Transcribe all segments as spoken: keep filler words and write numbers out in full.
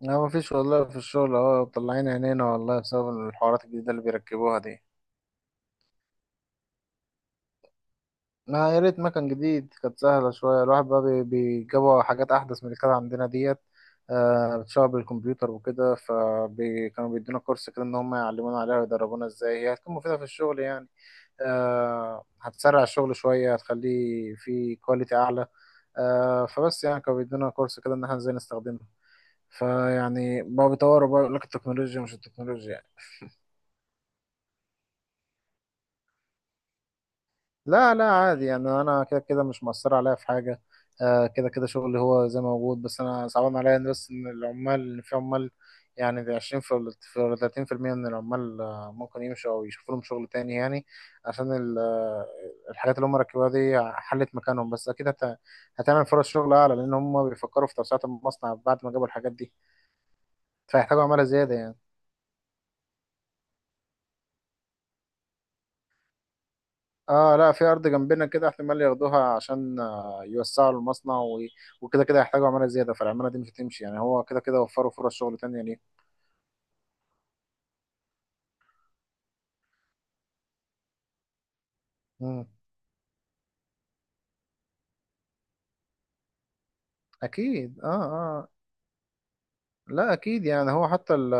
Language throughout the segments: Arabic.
لا، مفيش والله. في الشغل اهو، طلعين عينينا والله بسبب الحوارات الجديدة اللي بيركبوها دي. ما يا ريت مكان جديد، كانت سهلة شوية. الواحد بقى بي- بيجيبوا حاجات أحدث من اللي كانت عندنا ديت. آه، بتشتغل بالكمبيوتر وكده، فكانوا بيدونا كورس كده، إن هم يعلمونا عليها ويدربونا إزاي هي هتكون مفيدة في الشغل يعني. آه، هتسرع الشغل شوية، هتخليه فيه كواليتي أعلى. آه، فبس يعني كانوا بيدونا كورس كده إن احنا إزاي نستخدمها. فيعني بقى بيطوروا، بقى يقول لك التكنولوجيا مش التكنولوجيا. لا لا، عادي يعني، انا كده كده مش مأثر عليا في حاجه. آه، كده كده شغلي هو زي ما موجود، بس انا صعبان عليا إن بس ان العمال، ان في عمال يعني. دي عشرين في، ولا ثلاثين، في ثلاثين بالمية من العمال آه، ممكن يمشوا او يشوفوا لهم شغل تاني يعني. عشان ال- آه، الحاجات اللي هم ركبوها دي حلت مكانهم، بس اكيد هت- هتعمل فرص شغل اعلى، لان هم بيفكروا في توسعه المصنع بعد ما جابوا الحاجات دي. فهيحتاجوا عماله زياده يعني. اه، لا، في ارض جنبنا كده احتمال ياخدوها عشان آه، يوسعوا المصنع و- وكده كده يحتاجوا عماله زياده، فالعماله دي مش هتمشي يعني، هو كده كده وفروا فرص شغل تانية ليه. مم. اكيد. اه. آه، لا، اكيد. يعني هو حتى ال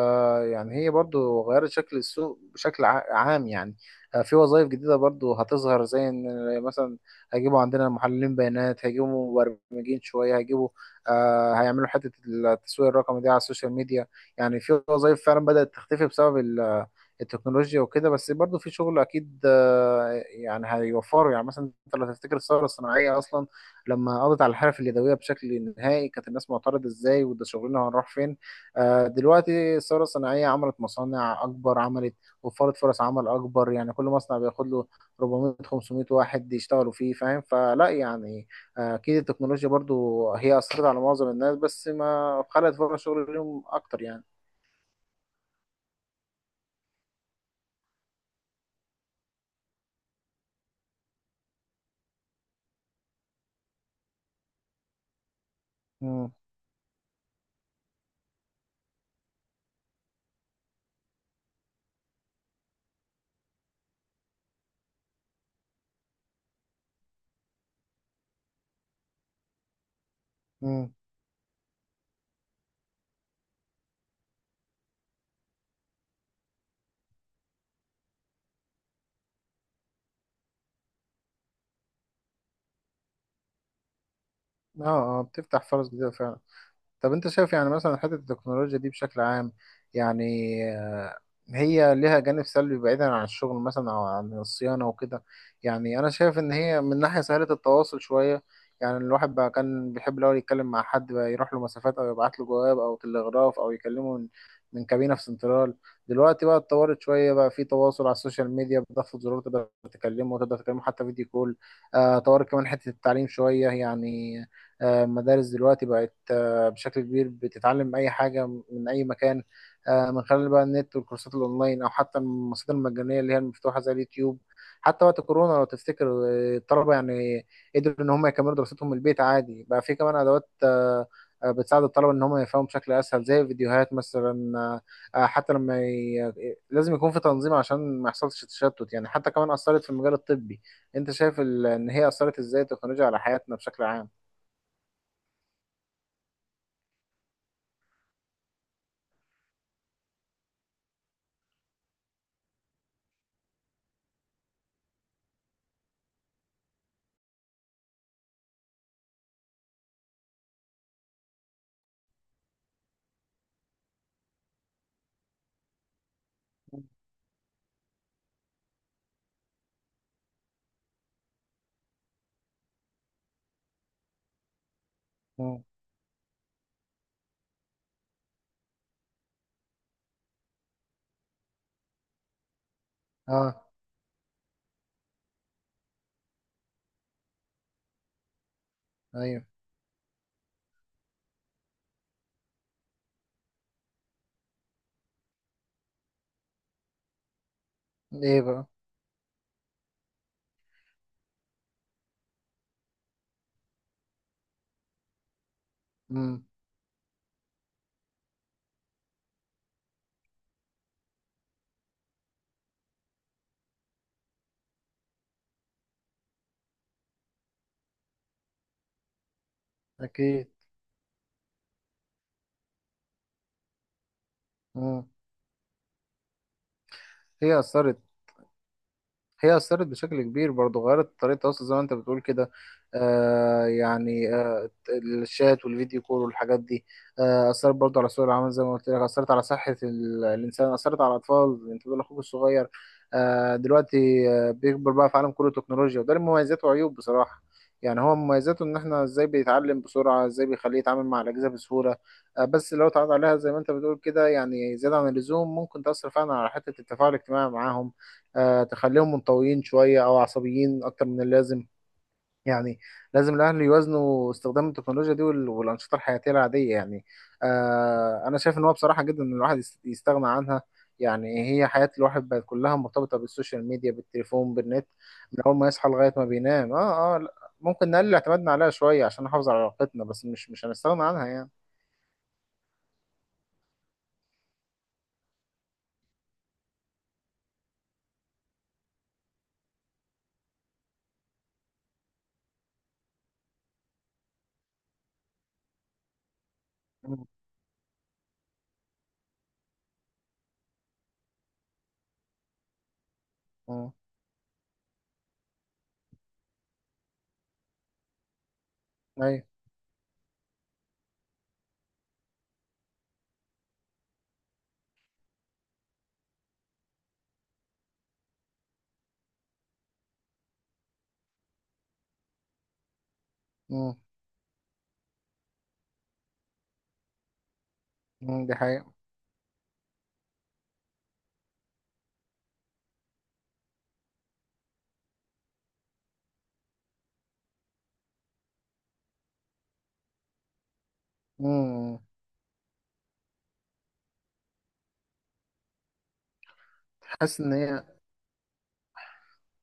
يعني هي برضو غيرت شكل السوق بشكل ع- عام يعني. آه، في وظائف جديده برضو هتظهر، زي ان مثلا هيجيبوا عندنا محللين بيانات، هيجيبوا مبرمجين شويه، هيجيبوا، آه هيعملوا حته التسويق الرقمي دي على السوشيال ميديا. يعني في وظائف فعلا بدات تختفي بسبب ال- التكنولوجيا وكده، بس برضو في شغل اكيد. آه، يعني هيوفروا، يعني مثلا انت لو تفتكر الثوره الصناعيه اصلا، لما قضت على الحرف اليدويه بشكل نهائي، كانت الناس معترضه ازاي، وده شغلنا هنروح فين. آه، دلوقتي الثورة الصناعية عملت مصانع أكبر، عملت، وفرت فرص عمل أكبر. يعني كل مصنع بياخد له أربعمائة خمسمائة واحد يشتغلوا فيه، فاهم؟ فلا يعني، آه، أكيد التكنولوجيا برضو هي أثرت على معظم الناس، بس ما خلقت فرص شغل ليهم أكتر يعني. امم. امم. اه. آه، بتفتح فرص جديدة فعلا. طب انت شايف يعني مثلا حته التكنولوجيا دي بشكل عام يعني، آه، هي ليها جانب سلبي بعيدا عن الشغل مثلا او عن الصيانه وكده؟ يعني انا شايف ان هي من ناحيه سهله التواصل شويه، يعني الواحد بقى كان بيحب الاول يتكلم مع حد، بقى يروح له مسافات او يبعت له جواب او تلغراف، او يكلمه من من كابينه في سنترال. دلوقتي بقى اتطورت شويه، بقى في تواصل على السوشيال ميديا، بضغط زرار تقدر تكلمه، وتقدر تكلمه حتى فيديو كول. آه، طورت كمان حته التعليم شويه يعني. آه، المدارس دلوقتي بقت بشكل كبير بتتعلم اي حاجه من اي مكان، آه، من خلال بقى النت والكورسات الاونلاين، او حتى المصادر المجانيه اللي هي المفتوحه زي اليوتيوب. حتى وقت الكورونا لو تفتكر، آه، الطلبه يعني قدروا ان هم يكملوا دراستهم من البيت عادي. بقى في كمان ادوات آه، آه، بتساعد الطلبه ان هم يفهموا بشكل اسهل، زي الفيديوهات مثلا. آه، آه، حتى لما ي... لازم يكون في تنظيم عشان ما يحصلش تشتت يعني. حتى كمان اثرت في المجال الطبي. انت شايف ال... ان هي اثرت ازاي التكنولوجيا على حياتنا بشكل عام؟ مم. اه. ايوه. ايه بقى؟ امم. اكيد. امم. هي اثرت هي أثرت بشكل كبير برضه، غيرت طريقة التواصل زي ما أنت بتقول كده. آه يعني آه الشات والفيديو كول والحاجات دي. آه أثرت برضه على سوق العمل زي ما قلت لك، أثرت على صحة ال- الإنسان، أثرت على الأطفال. أنت بتقول أخوك الصغير، آه دلوقتي آه بيكبر بقى في عالم كله تكنولوجيا، وده له مميزات وعيوب بصراحة. يعني هو مميزاته إن إحنا إزاي بيتعلم بسرعة، إزاي بيخليه يتعامل مع الأجهزة بسهولة. آه بس لو اتعرض عليها زي ما أنت بتقول كده، يعني زيادة عن اللزوم، ممكن تأثر فعلا على حتة التفاعل الاجتماعي معاهم، آه، تخليهم منطويين شوية أو عصبيين أكتر من اللازم يعني. لازم الأهل يوازنوا استخدام التكنولوجيا دي وال- والأنشطة الحياتية العادية يعني. آه، أنا شايف إن هو بصراحة جدا إن الواحد يست- يستغنى عنها. يعني هي حياة الواحد بقت كلها مرتبطة بالسوشيال ميديا، بالتليفون، بالنت، من أول ما يصحى لغاية ما بينام. آه آه لا، ممكن نقلل اعتمادنا عليها شوية عشان نحافظ على علاقتنا، بس مش مش هنستغنى عنها يعني. مم. مم. أيوة. مم. مم. دي حقيقة. مم. حاسس إن هي،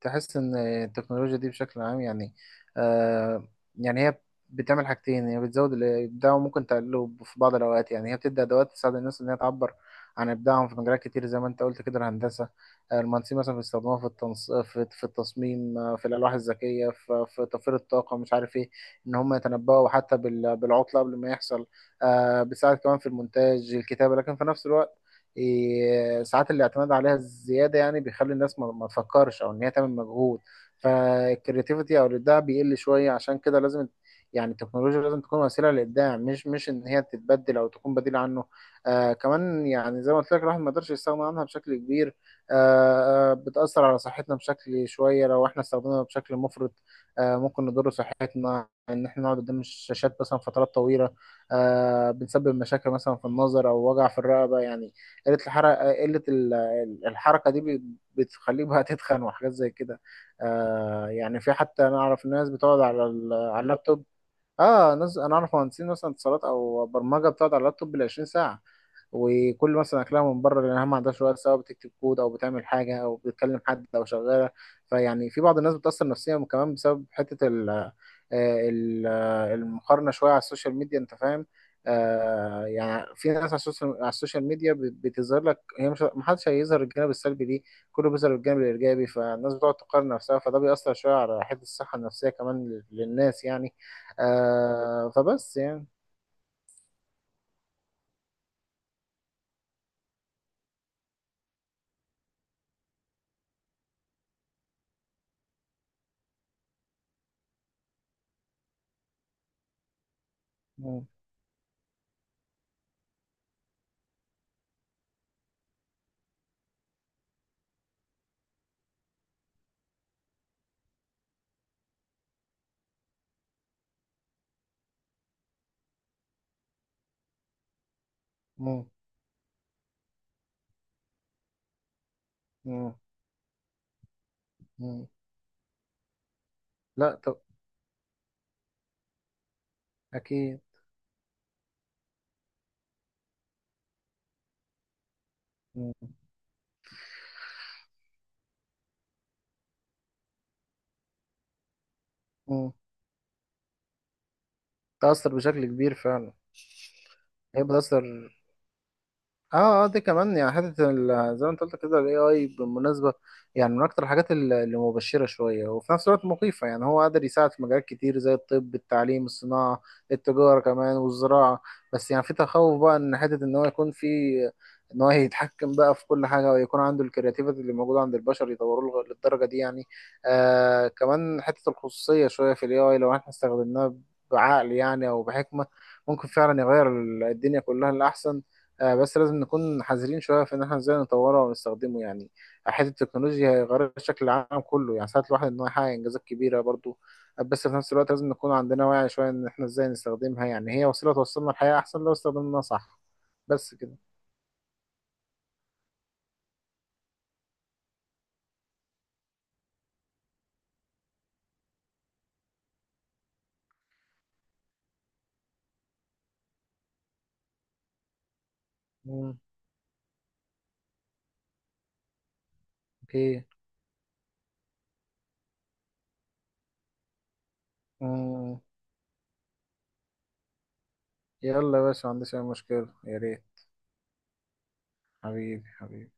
تحس ان التكنولوجيا دي بشكل عام يعني، آه يعني هي بتعمل حاجتين. هي بتزود الابداع، وممكن تقلله في بعض الاوقات، يعني هي بتدي ادوات تساعد الناس ان هي تعبر عن ابداعهم في مجالات كتير، زي ما انت قلت كده الهندسه. آه، المهندسين مثلا بيستخدموها في التنص... في في التصميم، آه، في الالواح الذكيه، في في توفير الطاقه، مش عارف ايه، ان هم يتنبؤوا حتى بال... بالعطله قبل ما يحصل. آه بتساعد كمان في المونتاج الكتابه، لكن في نفس الوقت إيه، ساعات الاعتماد عليها الزياده يعني بيخلي الناس ما ما تفكرش، او ان هي تعمل مجهود. فالكرياتيفيتي او الابداع بيقل شويه، عشان كده لازم، يعني التكنولوجيا لازم تكون وسيله للابداع، مش مش ان هي تتبدل او تكون بديل عنه. آه كمان يعني زي ما قلت لك الواحد ما يقدرش يستغنى عنها بشكل كبير. آه آه، بتاثر على صحتنا بشكل شويه لو احنا استخدمناها بشكل مفرط. آه ممكن نضر صحتنا، ان احنا نقعد قدام الشاشات مثلا فترات طويله، آه بنسبب مشاكل مثلا في النظر او وجع في الرقبه يعني. قلة الحركة، قلة ال- ال- الحركة دي بت- بتخليه بقى تتخن وحاجات زي كده. آه يعني في، حتى أنا أعرف ناس بتقعد على ال- على اللابتوب. اه، ناس أنا أعرف مهندسين مثلا اتصالات أو برمجة بتقعد على اللابتوب بالعشرين ساعة، وكل مثلا اكلها من بره لانها ما عندهاش وقت، سواء بتكتب كود او بتعمل حاجه او بتتكلم حد او شغاله. فيعني في بعض الناس بتاثر نفسيا كمان بسبب حته ال آه، ال- آه، المقارنه شويه على السوشيال ميديا، انت فاهم؟ آه يعني في ناس على السوشيال على السوشيال ميديا بت- بتظهر لك هي، مش، محدش هيظهر الجانب السلبي ليه، كله بيظهر الجانب الايجابي، فالناس بتقعد تقارن نفسها، فده بيأثر شويه على حته الصحه النفسيه كمان لل- للناس يعني. آه فبس يعني. مم. مم. مم. مم. لا. أكيد. مم. مم. تأثر بشكل كبير فعلا. هي بتأثر. اه. اه. دي كمان يعني حته ال- زي ما انت قلت كده الاي اي بالمناسبه، يعني من اكتر الحاجات ال- اللي مبشره شويه، وفي نفس الوقت مخيفه، يعني هو قادر يساعد في مجالات كتير زي الطب، التعليم، الصناعه، التجاره كمان، والزراعه. بس يعني في تخوف بقى، ان حته ان هو يكون في، ان هو يتحكم بقى في كل حاجه، ويكون عنده الكرياتيفيتي اللي موجوده عند البشر، يطوروه لغ- للدرجه دي يعني. آه كمان حته الخصوصيه شويه في الاي اي. لو احنا استخدمناها بعقل يعني او بحكمه، ممكن فعلا يغير الدنيا كلها للاحسن. آه، بس لازم نكون حذرين شوية في إن إحنا إزاي نطوره ونستخدمه يعني. حتة التكنولوجيا هي غير شكل العالم كله، يعني ساعات الواحد إن هو يحقق إنجازات كبيرة برضو، بس في نفس الوقت لازم نكون عندنا وعي شوية إن إحنا إزاي نستخدمها، يعني هي وسيلة توصلنا لحياة أحسن لو استخدمناها صح. بس كده. مم. أوكي. مم. يلا يا باشا، ما عنديش أي مشكلة، يا ريت. حبيبي حبيبي.